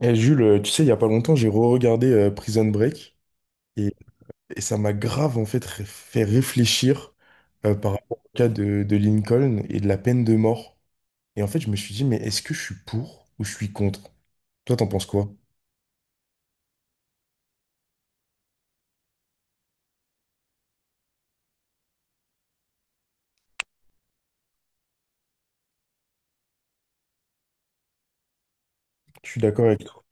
Eh, Jules, tu sais, il y a pas longtemps, j'ai re-regardé Prison Break et, et ça m'a grave en fait fait réfléchir par rapport au cas de Lincoln et de la peine de mort. Et en fait, je me suis dit, mais est-ce que je suis pour ou je suis contre? Toi, t'en penses quoi? Je suis d'accord avec toi.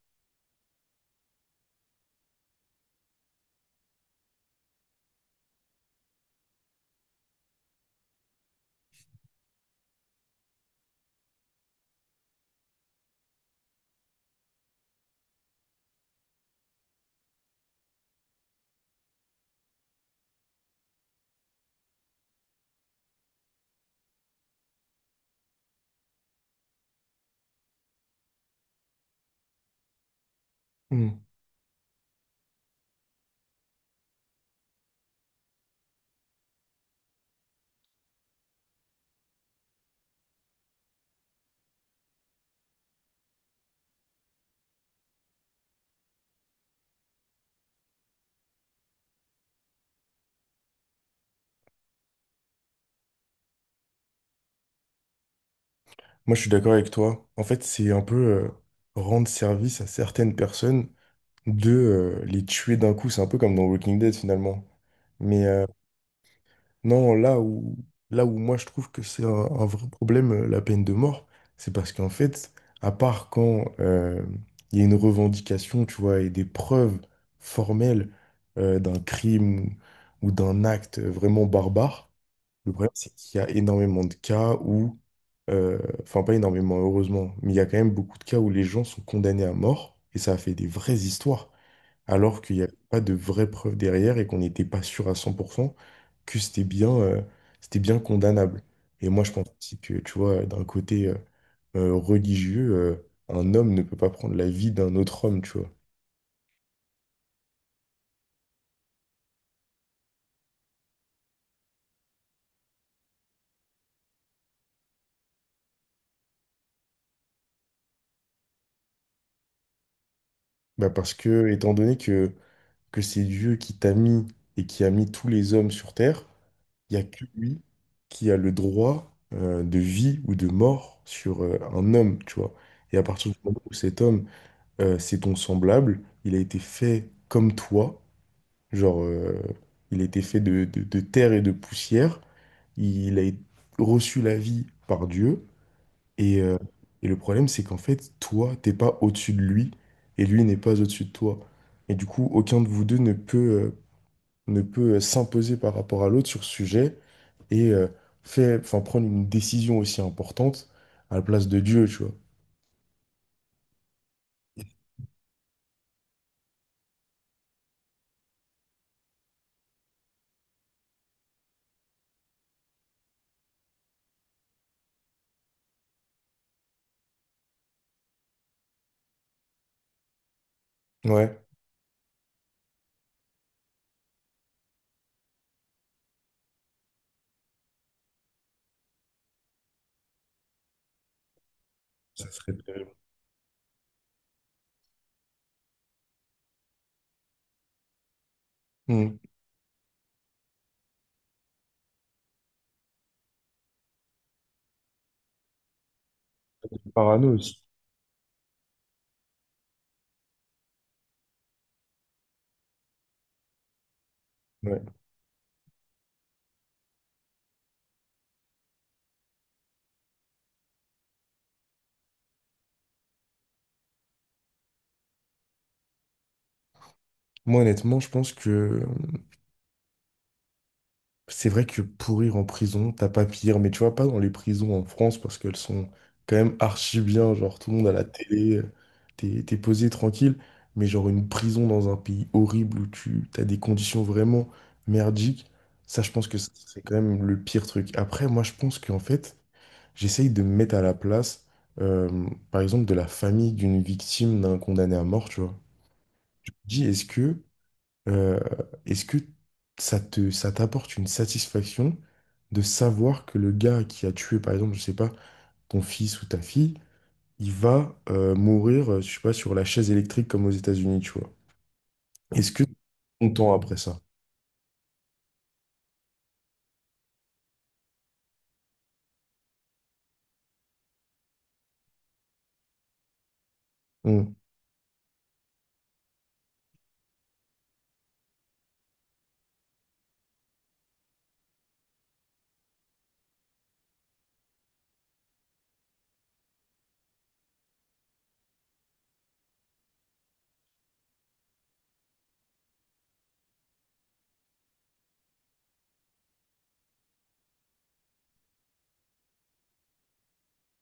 Hmm. Moi, je suis d'accord avec toi. En fait, c'est un peu rendre service à certaines personnes de les tuer d'un coup. C'est un peu comme dans Walking Dead finalement. Mais, non, là où moi je trouve que c'est un vrai problème, la peine de mort, c'est parce qu'en fait, à part quand il y a une revendication, tu vois, et des preuves formelles d'un crime ou d'un acte vraiment barbare, le problème c'est qu'il y a énormément de cas où, enfin pas énormément, heureusement, mais il y a quand même beaucoup de cas où les gens sont condamnés à mort, et ça a fait des vraies histoires alors qu'il n'y avait pas de vraies preuves derrière et qu'on n'était pas sûr à 100% que c'était bien condamnable. Et moi, je pense aussi que, tu vois, d'un côté religieux, un homme ne peut pas prendre la vie d'un autre homme, tu vois. Bah parce que, que c'est Dieu qui t'a mis et qui a mis tous les hommes sur Terre, il n'y a que lui qui a le droit de vie ou de mort sur un homme, tu vois. Et à partir du moment où cet homme c'est ton semblable, il a été fait comme toi, genre, il a été fait de, de terre et de poussière, il a reçu la vie par Dieu, et, euh, et le problème, c'est qu'en fait, toi, t'es pas au-dessus de lui, et lui n'est pas au-dessus de toi. Et du coup, aucun de vous deux ne peut, ne peut s'imposer par rapport à l'autre sur ce sujet, et euh, fait, enfin, prendre une décision aussi importante à la place de Dieu, tu vois. Ouais, ça serait terrible. Hmm. Parano aussi. Moi, honnêtement, je pense que c'est vrai que pourrir en prison, t'as pas pire, mais tu vois, pas dans les prisons en France parce qu'elles sont quand même archi bien, genre tout le monde à la télé, t'es posé tranquille, mais genre une prison dans un pays horrible où tu t'as des conditions vraiment merdiques, ça, je pense que ça, c'est quand même le pire truc. Après, moi, je pense qu'en fait, j'essaye de me mettre à la place, par exemple, de la famille d'une victime d'un condamné à mort, tu vois. Je me dis, Euh, est-ce que ça t'apporte une satisfaction de savoir que le gars qui a tué, par exemple, je sais pas, ton fils ou ta fille, il va mourir, je sais pas, sur la chaise électrique comme aux États-Unis, tu vois. Est-ce que tu es content après ça? Hmm.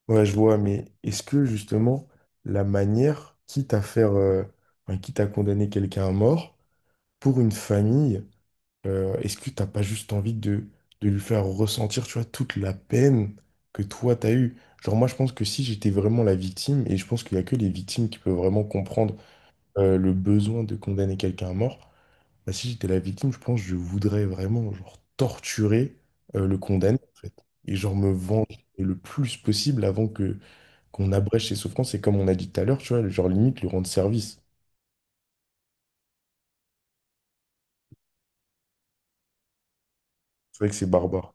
Ouais, je vois, mais est-ce que justement la manière, enfin, quitte à condamner quelqu'un à mort, pour une famille, est-ce que t'as pas juste envie de lui faire ressentir, tu vois, toute la peine que toi t'as eue? Genre moi je pense que si j'étais vraiment la victime, et je pense qu'il y a que les victimes qui peuvent vraiment comprendre le besoin de condamner quelqu'un à mort, bah, si j'étais la victime, je pense que je voudrais vraiment genre torturer le condamné en fait. Et genre me venger le plus possible avant que qu'on abrège ses souffrances. Et comme on a dit tout à l'heure, tu vois, genre limite lui rendre service. C'est vrai que c'est barbare.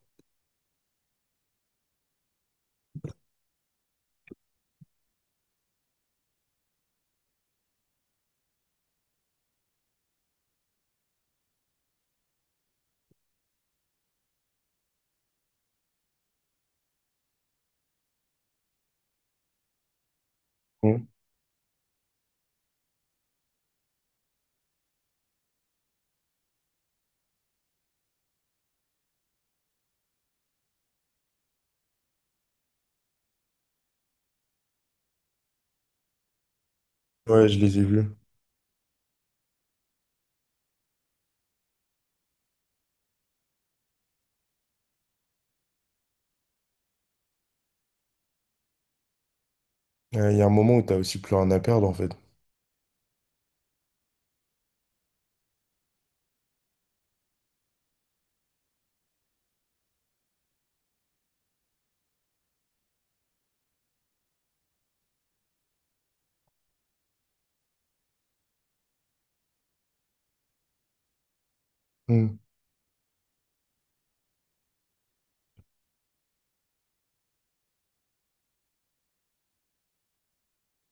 Mmh. Ouais, je les ai vus. Ouais, il y a un moment où t'as aussi plus rien à perdre en fait. Hmm.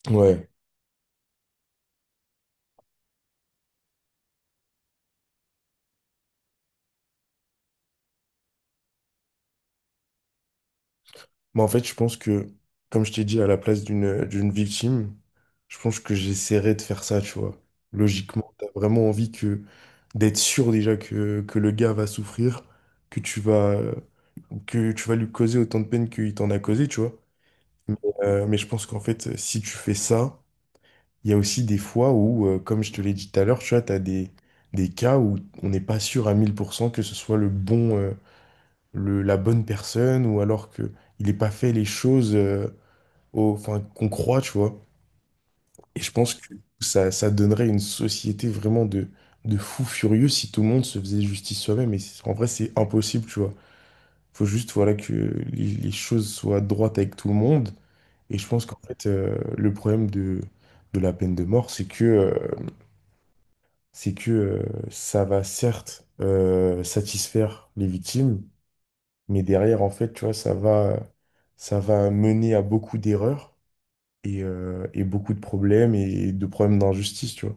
Ouais. Mais en fait, je pense que, comme je t'ai dit, à la place d'une victime, je pense que j'essaierais de faire ça, tu vois. Logiquement, t'as vraiment envie que d'être sûr déjà que le gars va souffrir, que tu vas, que tu vas lui causer autant de peine qu'il t'en a causé, tu vois. Mais, mais je pense qu'en fait, si tu fais ça, il y a aussi des fois où, comme je te l'ai dit tout à l'heure, tu vois, des cas où on n'est pas sûr à 1000% que ce soit le bon, la bonne personne ou alors que il n'ait pas fait les choses enfin, qu'on croit, tu vois. Et je pense que ça donnerait une société vraiment de fous furieux si tout le monde se faisait justice soi-même. En vrai, c'est impossible, tu vois. Faut juste voilà, que les choses soient droites avec tout le monde. Et je pense qu'en fait, le problème de la peine de mort, c'est que ça va certes satisfaire les victimes, mais derrière, en fait, tu vois, ça va mener à beaucoup d'erreurs et beaucoup de problèmes et de problèmes d'injustice, tu vois.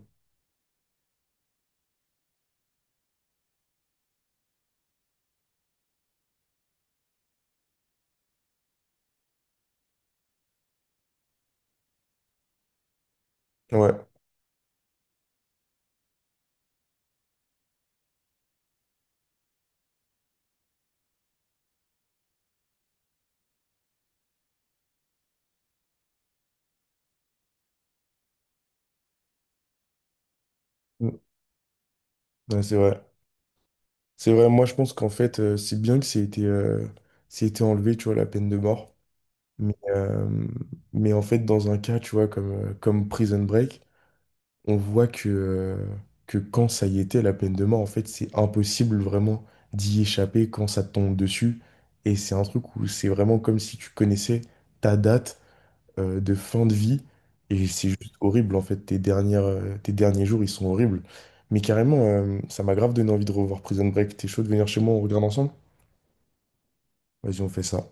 Ouais, mm. Ouais, c'est vrai. C'est vrai, moi, je pense qu'en fait, c'est bien que c'est été enlevé, tu vois, la peine de mort. Mais, euh, mais en fait, dans un cas, tu vois, comme Prison Break, on voit que quand ça y était, la peine de mort, en fait, c'est impossible vraiment d'y échapper quand ça te tombe dessus. Et c'est un truc où c'est vraiment comme si tu connaissais ta date de fin de vie. Et c'est juste horrible, en fait. Tes derniers jours, ils sont horribles. Mais carrément, ça m'a grave donné envie de revoir Prison Break. T'es chaud de venir chez moi, on regarde ensemble? Vas-y, on fait ça.